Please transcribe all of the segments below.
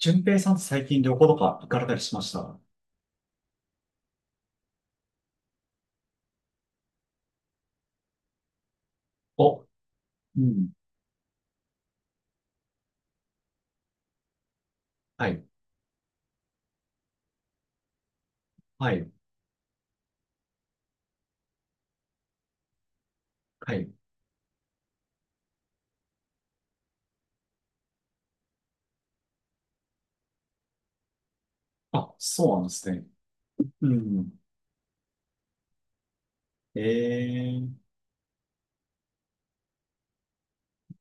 順平さんって最近旅行とか行かれたりしました？お、うん。はい。はい。はい。あ、そうなんですね。うん。えー、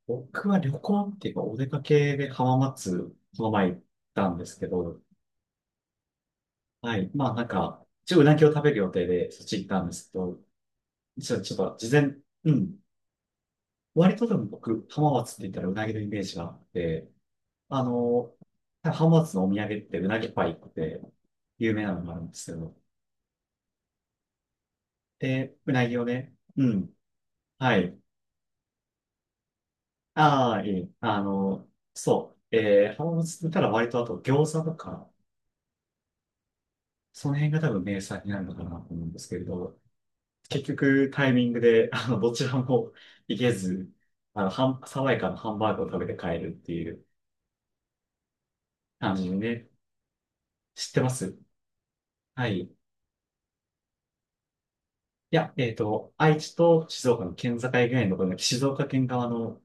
僕は旅行っていうか、お出かけで浜松、この前行ったんですけど、はい。まあなんか、一応うなぎを食べる予定で、そっち行ったんですけど、ちょっと事前、うん。割とでも僕、浜松って言ったらうなぎのイメージがあって、あの、浜松のお土産ってうなぎパイって有名なのがあるんですけど、えーうなぎをね。うん。はい。ああ、いい。そう。浜松だったら割とあと餃子とか、その辺が多分名産になるのかなと思うんですけれど、結局タイミングで、どちらも行けず、爽やかなハンバーグを食べて帰るっていう感じでね、知ってます？はい。いや、愛知と静岡の県境ぐらいのところの静岡県側の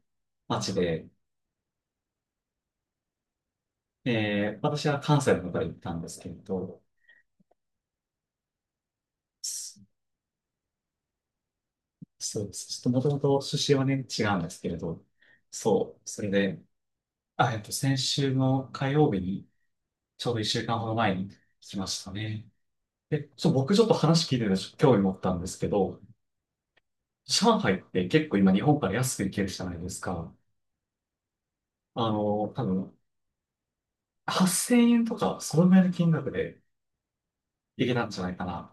町で、えー、私は関西の方から行ったんですけれど、そうです。ちょっともともと出身はね、違うんですけれど、そう、それで、あ、先週の火曜日に、ちょうど一週間ほど前に来ましたね。で、僕ちょっと話聞いてて、ちょっと興味持ったんですけど、上海って結構今日本から安く行けるじゃないですか。多分、8000円とか、そのぐらいの金額で行けたんじゃないかな。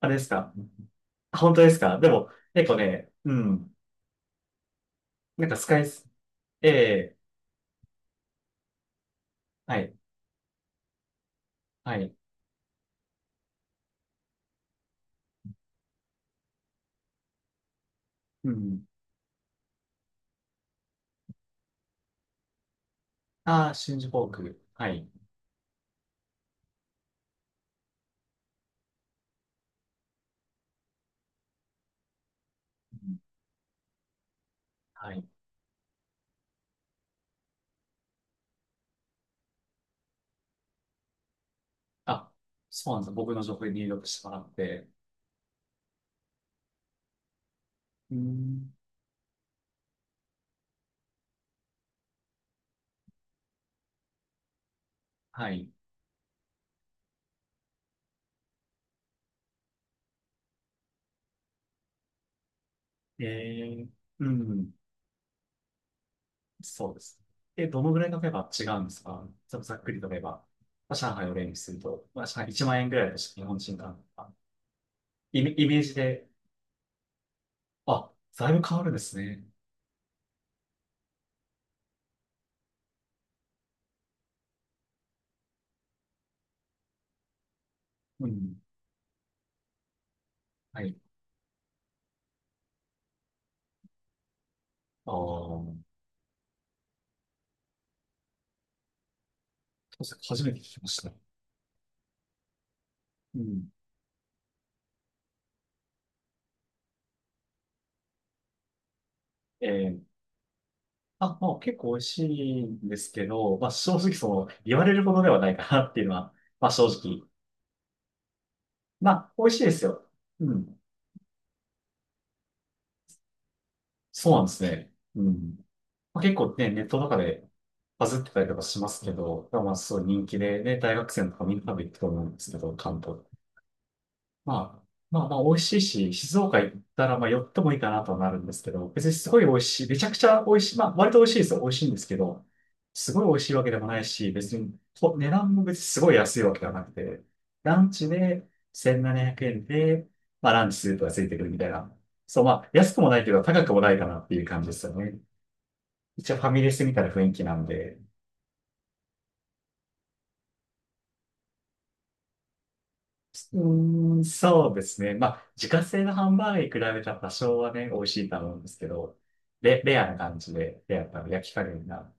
あれですか？本当ですか？でも、結構ね、うん、なんかスカイス、ええはい、はい、うん。ああ、新宿フォーク。はい。はい。あ、そうなんです？僕の情報で入力してもらって。うん。はい。えー、うん、そうです。え、どのぐらいのメば違うんですか？ざざっくりと言えば、まあ、上海を例にすると、まあ、上海1万円ぐらいとして日本人が、イメージで、あ、だいぶ変わるんですね。うん。はい。ああ、そうですね、初めて聞きました。うん。えー、あ、まあ、結構美味しいんですけど、まあ、正直その、言われるほどではないかなっていうのは、まあ、正直まあ、美味しいですよ。うん。そうなんですね。うん。まあ、結構ね、ネットとかでバズってたりとかしますけど、まあ、すごい人気でね、大学生とかみんな食べ行くと思うんですけど、関東。まあ、まあまあ美味しいし、静岡行ったらまあ寄ってもいいかなとはなるんですけど、別にすごい美味しい、めちゃくちゃ美味しい、まあ割と美味しいですよ、美味しいんですけど、すごい美味しいわけでもないし、別にと値段も別にすごい安いわけではなくて、ランチで1700円で、まあランチスープがついてくるみたいな。そう、まあ安くもないけど高くもないかなっていう感じですよね。一応ファミレスみたいな雰囲気なんで、うーん、そうですね。まあ、自家製のハンバーガーに比べたら多少はね、美味しいと思うんですけど、レアな感じで、レアな焼き加減が。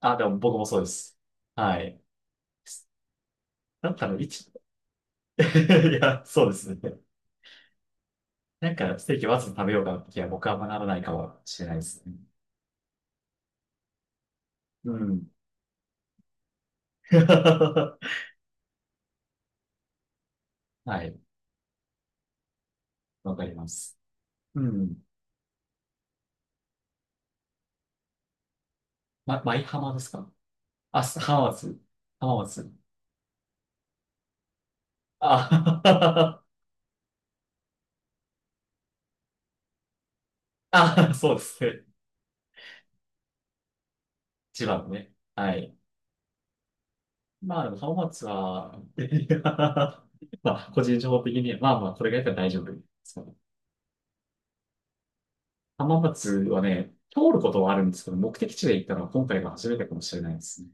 あ、でも僕もそうです。はい。だったら一、いや、そうですね。なんか、ステーキわざと食べようかなって気は僕は学ばないかもしれないですね。うん。はい。わかります。うん。ま、舞浜ですか？あ、す浜松。浜松。あ、あ、そうですね。千葉のね。はい。まあでも浜松は、いや、まあ個人情報的に、まあまあこれがやったら大丈夫ですから、浜松はね、通ることはあるんですけど、目的地で行ったのは今回が初めてかもしれないですね。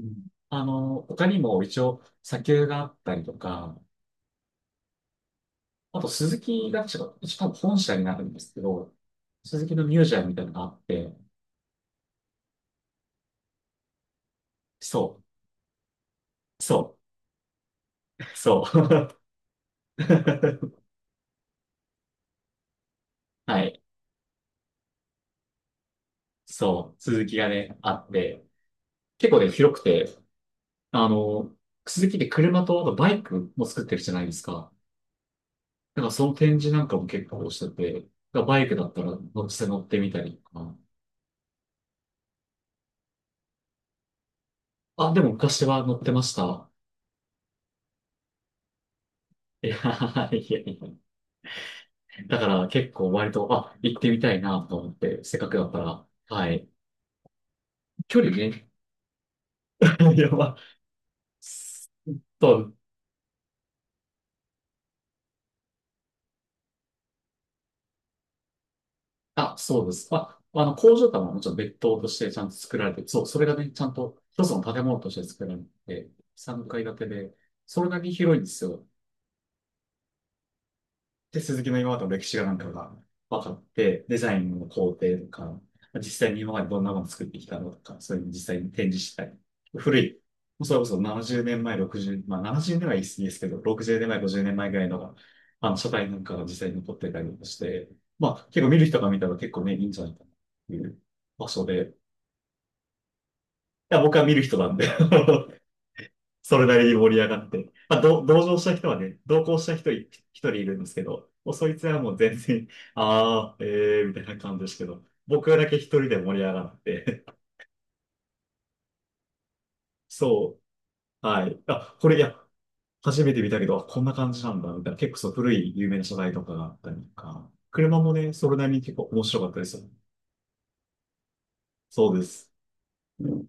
うん。他にも一応砂丘があったりとか、あと鈴木が確か、一応多分本社になるんですけど、鈴木のミュージアムみたいなのがあって、そう、そそう。はい、そう、鈴木がね、あって、結構ね、広くて、あの、スズキって車とあとバイクも作ってるじゃないですか。だからその展示なんかも結構してて、だからバイクだったら乗せて乗ってみたりとか。あ、でも昔は乗ってました。いや、いやいや。だから結構割と、あ、行ってみたいなと思って、せっかくだったら。はい。距離ね。やばとそう。あ、そうです。まあ、工場とはもちろん別棟としてちゃんと作られて、そう、それがね、ちゃんと一つの建物として作られて、3階建てで、それだけ広いんですよ。で、鈴木の今までの歴史がなんかが分かって、デザインの工程とか、実際に今までどんなもの作ってきたのとか、そういうの実際に展示したり。古い、もうそれこそ70年前、60、まあ70年は言い過ぎですけど、60年前、50年前ぐらいのが、書体なんかが実際に残ってたりとかして、まあ結構見る人が見たら結構ね、いいんじゃないかなっていう場所で、いや、僕は見る人なんで それなりに盛り上がって。まあ、同乗した人はね、同行した人い、一人いるんですけど、もうそいつはもう全然、あー、えー、みたいな感じですけど、僕だけ一人で盛り上がって、そう、はい。あ、これ、いや、初めて見たけど、あこんな感じなんだ、みたいな。結構そう、古い有名な車体とかがあったりとか、車もね、それなりに結構面白かったですよ。そうです。うん。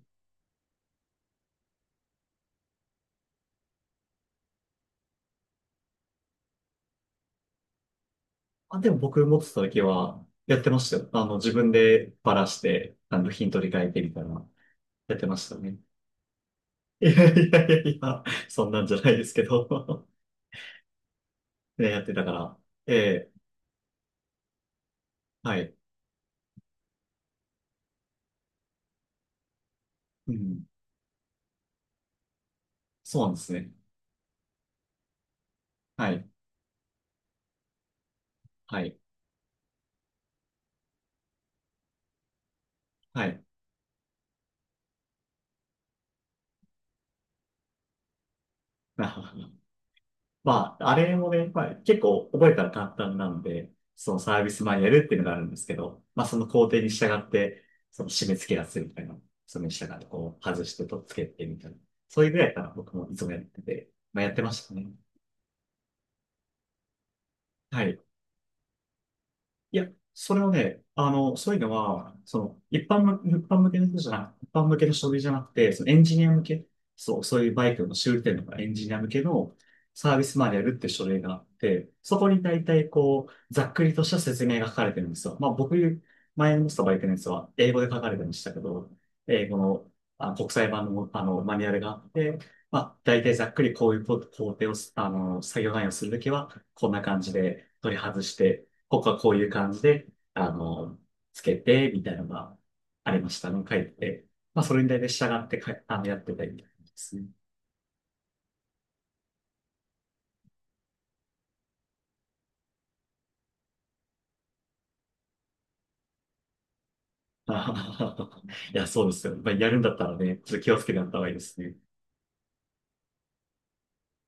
あ、でも僕持ってた時は、やってましたよ。自分でバラして、部品取り替えてみたいな、やってましたね。いやいやいやいや、そんなんじゃないですけど ね、やってたから。ええ、はい。うん。そうなんですね。はい。はい。はい。まあ、あれもね、まあ、結構覚えたら簡単なんで、そのサービスマニュアルっていうのがあるんですけど、まあ、その工程に従って、その締め付けやすいみたいな、それに従ってこう、外してとっつけてみたいな。そういうぐらいから僕もいつもやってて、まあ、やってましたね。はい。いや、それはね、そういうのは、その、一般向けの人じゃなく、一般向けの書類じゃなくて、そのエンジニア向け、そう、そういうバイクの修理店とかエンジニア向けのサービスマニュアルって書類があって、そこに大体こう、ざっくりとした説明が書かれてるんですよ。まあ僕、前の乗ったバイクのやつは英語で書かれてましたけど、英語の、あ、国際版の、マニュアルがあって、まあ大体ざっくりこういう工程を作業内容をするときは、こんな感じで取り外して、ここはこういう感じで、あの、つけて、みたいなのがありましたの、書いて。まあ、それに対して従ってか、やってたりみたいな感じですね。あははははいや、そうですよ。まあ、やるんだったらね、ちょっと気をつけてやった方がいいですね。